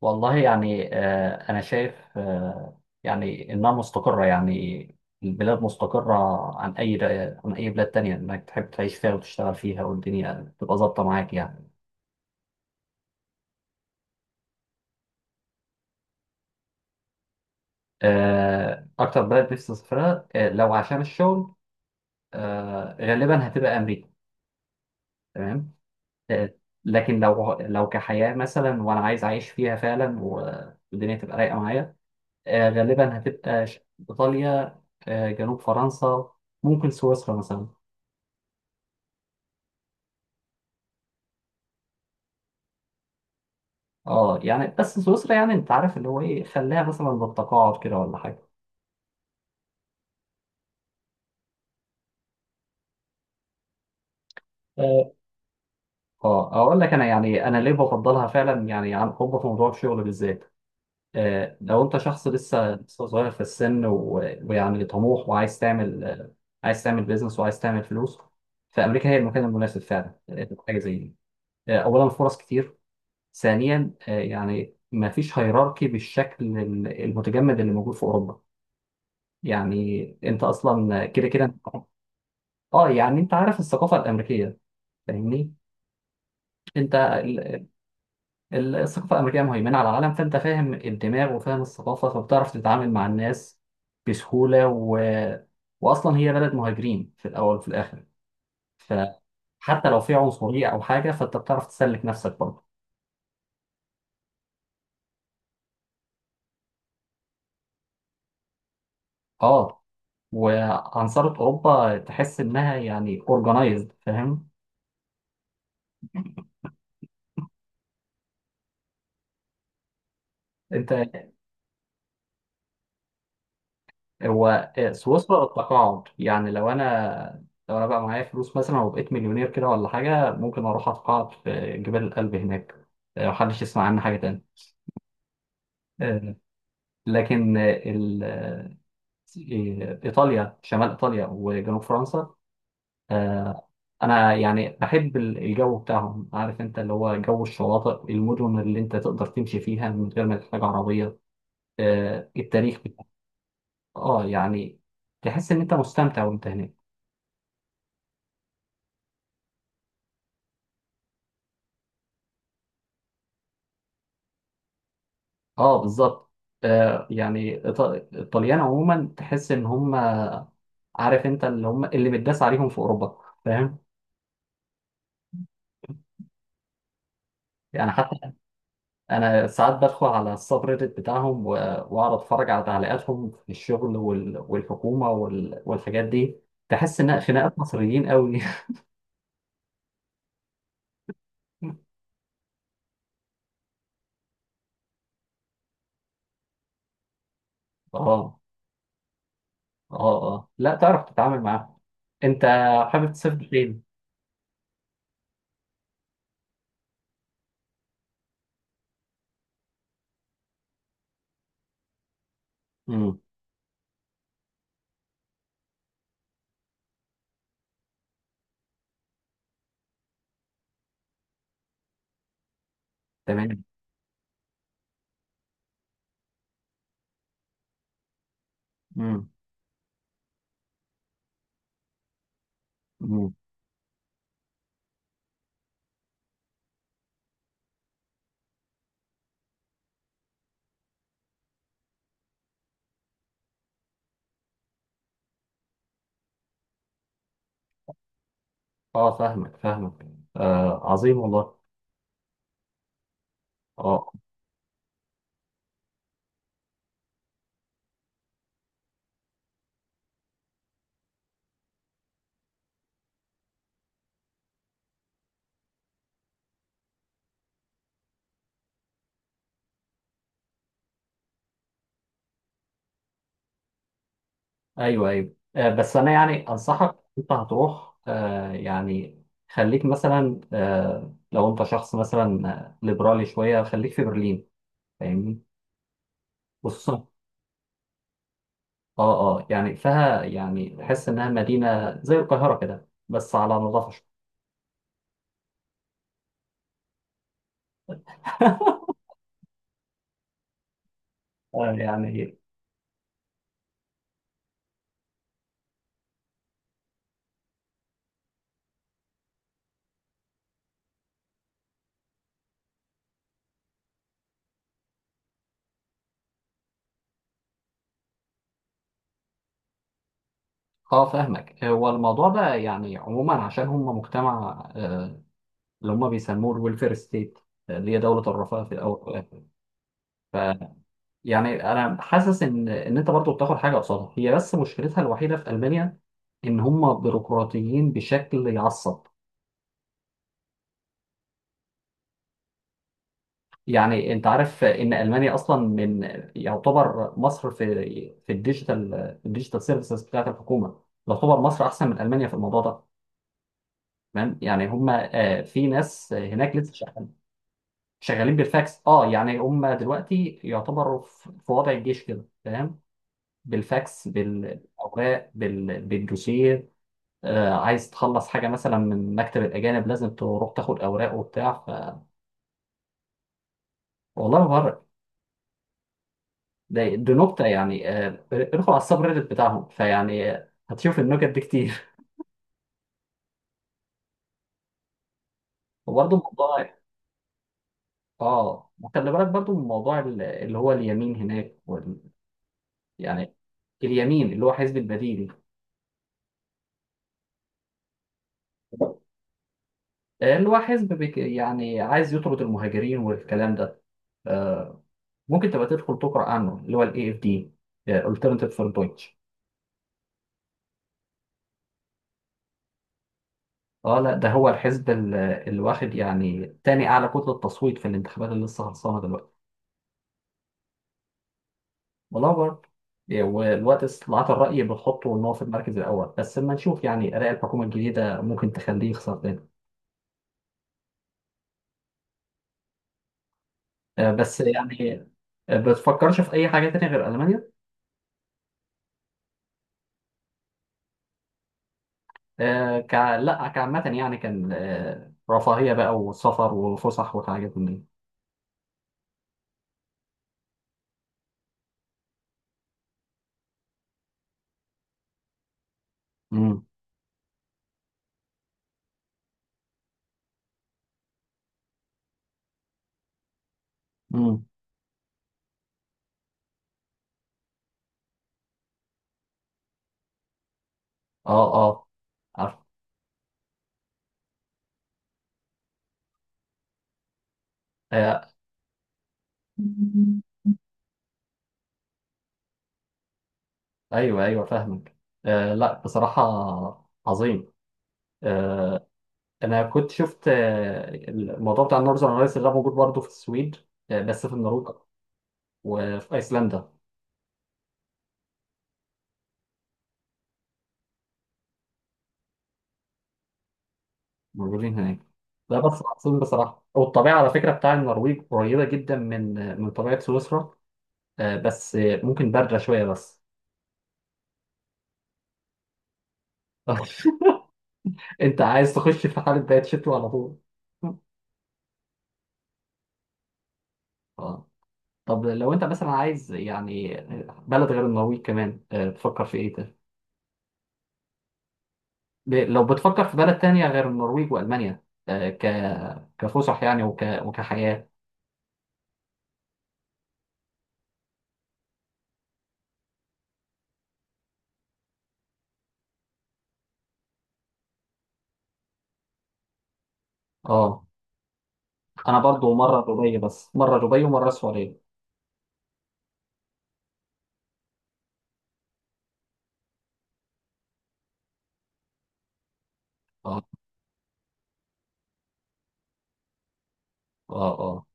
والله يعني أنا شايف إنها مستقرة يعني. البلاد مستقرة عن أي عن أي بلاد تانية إنك تحب تعيش فيها وتشتغل فيها والدنيا تبقى ظابطة معاك يعني. أكتر بلد نفسي أسافرها، لو عشان الشغل غالبا هتبقى أمريكا. تمام. آه، لكن لو كحياة مثلا وأنا عايز أعيش فيها فعلا والدنيا تبقى رايقة معايا، غالبا هتبقى إيطاليا، جنوب فرنسا، ممكن سويسرا مثلا. اه يعني بس سويسرا يعني انت عارف اللي هو ايه، خليها مثلا بالتقاعد كده ولا حاجه. اه. اه اقول لك، انا يعني انا ليه بفضلها فعلا يعني عن حب في موضوع الشغل بالذات. آه، لو انت شخص لسه صغير في السن ويعني طموح وعايز تعمل عايز تعمل بيزنس وعايز تعمل فلوس، فامريكا هي المكان المناسب فعلا، حاجه زي دي. آه، اولا فرص كتير، ثانيا آه يعني ما فيش هيراركي بالشكل المتجمد اللي موجود في اوروبا. يعني انت اصلا كده كده. اه يعني انت عارف الثقافه الامريكيه، فاهمني؟ انت ال- الثقافه الامريكيه مهيمنه على العالم، فانت فاهم الدماغ وفاهم الثقافه، فبتعرف تتعامل مع الناس بسهوله واصلا هي بلد مهاجرين في الاول وفي الاخر، فحتى لو في عنصريه او حاجه فانت بتعرف تسلك نفسك برضه. اه، وعنصرة اوروبا تحس انها يعني اورجنايزد، فاهم انت؟ هو سويسرا التقاعد يعني لو انا بقى معايا فلوس مثلا وبقيت مليونير كده ولا حاجه، ممكن اروح اتقاعد في جبال الألب هناك، لو محدش يسمع عنها حاجه تاني. آه، لكن ايطاليا، شمال ايطاليا وجنوب فرنسا، آه، انا يعني بحب الجو بتاعهم، عارف انت اللي هو جو الشواطئ، المدن اللي انت تقدر تمشي فيها من غير ما تحتاج عربيه، التاريخ بتاعهم. اه يعني تحس ان انت مستمتع وانت هناك. اه بالظبط. آه يعني إيط- الطليان عموما تحس ان هم، عارف انت، اللي هم اللي متداس عليهم في اوروبا، فاهم؟ يعني حتى انا ساعات بدخل على السب ريدت بتاعهم واقعد اتفرج على تعليقاتهم في الشغل والحكومه والحاجات دي، تحس ان خناقات مصريين قوي. اه اه اه، لا تعرف تتعامل معاهم. انت حابب تسافر فين؟ امم. تمام. امم. امم. اه فاهمك فاهمك. آه عظيم والله. اه ايوه ايوه، آه، بس انا يعني انصحك، انت هتروح خليك مثلا، لو انت شخص مثلا ليبرالي شويه خليك في برلين، فاهمني؟ خصوصا. اه اه، يعني فيها يعني تحس انها مدينه زي القاهره كده بس على نظافه شويه. آه، يعني. اه فاهمك. هو الموضوع ده يعني عموما عشان هم مجتمع اللي هم بيسموه الويلفير ستيت، اللي هي دوله الرفاه في الاول والاخر. يعني انا حاسس ان انت برضو بتاخد حاجه قصادها هي، بس مشكلتها الوحيده في المانيا ان هم بيروقراطيين بشكل يعصب. يعني انت عارف ان المانيا اصلا من، يعتبر مصر في الديجيتال، في الديجيتال سيرفيسز بتاعت الحكومه، يعتبر مصر احسن من المانيا في الموضوع ده. تمام، يعني هم آه، في ناس هناك لسه شغالين بالفاكس. اه يعني هم دلوقتي يعتبروا في وضع الجيش كده، فاهم؟ بالفاكس، بالاوراق، بالدوسيه. آه، عايز تخلص حاجة مثلا من مكتب الأجانب لازم تروح تاخد أوراق وبتاع والله ما بره. ده دي نكتة، يعني آه، ادخل على السب ريدت بتاعهم فيعني آه، هتشوف النكت دي كتير. وبرضه الموضوع. اه، وخلي بالك برضه من موضوع اللي هو اليمين هناك يعني اليمين اللي هو حزب البديل، اللي هو يعني عايز يطرد المهاجرين والكلام ده، آه، ممكن تبقى تدخل تقرأ عنه اللي هو ال AFD، آه، Alternative for Deutsch. اه لا ده هو الحزب اللي واخد يعني تاني اعلى كتله تصويت في الانتخابات اللي لسه خلصانه دلوقتي. والله برضه. إيه، والوقت استطلاعات الرأي بتحطه إن هو في المركز الأول، بس لما نشوف يعني آراء الحكومة الجديدة ممكن تخليه يخسر تاني. آه، بس يعني آه، بتفكرش في أي حاجة تانية غير ألمانيا؟ آه، لا كعامة يعني، كان رفاهية بقى وسفر وفسح وحاجات من دي. امم. امم. اه اه عارف. آه، ايوه ايوه فاهمك. آه، لا بصراحة عظيم. آه، انا كنت شفت الموضوع بتاع النورذرن لايتس ده موجود برضه في السويد، آه، بس في النرويج وفي ايسلندا. موجودين هناك. ده بس عظيم بصراحه. والطبيعه على فكره بتاع النرويج قريبه جدا من من طبيعه سويسرا، آه، بس آه، ممكن بارده شويه بس. انت عايز تخش في حاله بقت شتوي على طول. اه. طب لو انت مثلا عايز يعني بلد غير النرويج كمان، تفكر في ايه؟ لو بتفكر في بلد تانية غير النرويج وألمانيا، آه، ك كفسح يعني وكحياة. اه. أنا برضو مرة دبي، بس مرة دبي ومرة السعودية. اه اه اه.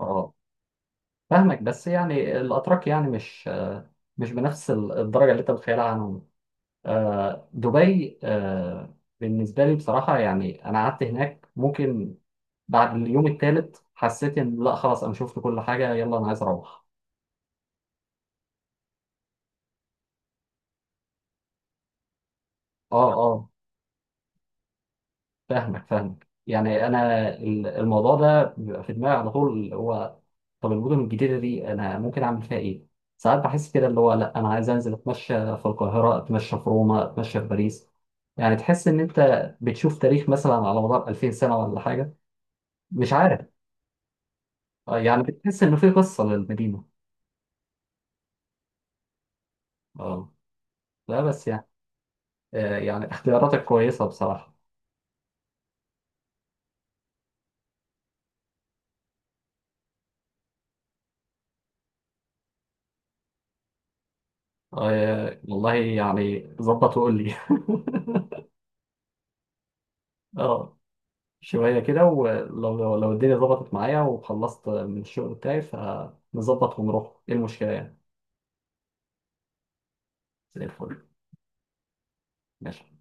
اه فاهمك، بس يعني الأتراك يعني مش بنفس الدرجة اللي أنت متخيلها عنهم. آه، دبي، آه، بالنسبة لي بصراحة يعني أنا قعدت هناك، ممكن بعد اليوم الثالث حسيت إن لا خلاص أنا شفت كل حاجة، يلا أنا عايز أروح. اه. آه. فاهمك فاهمك، يعني انا الموضوع ده بيبقى في دماغي على طول، اللي هو طب المدن الجديده دي انا ممكن اعمل فيها ايه؟ ساعات بحس كده اللي هو لا انا عايز انزل اتمشى في القاهره، اتمشى في روما، اتمشى في باريس، يعني تحس ان انت بتشوف تاريخ مثلا على مدار 2000 سنه ولا حاجه، مش عارف، يعني بتحس ان في قصه للمدينه. اه لا بس يعني آه، يعني اختياراتك كويسه بصراحه. آه، والله يعني ظبط وقول لي. اه شوية كده. ولو لو الدنيا ظبطت معايا وخلصت من الشغل بتاعي فنظبط ونروح، ايه المشكلة يعني؟ زي الفل. ماشي.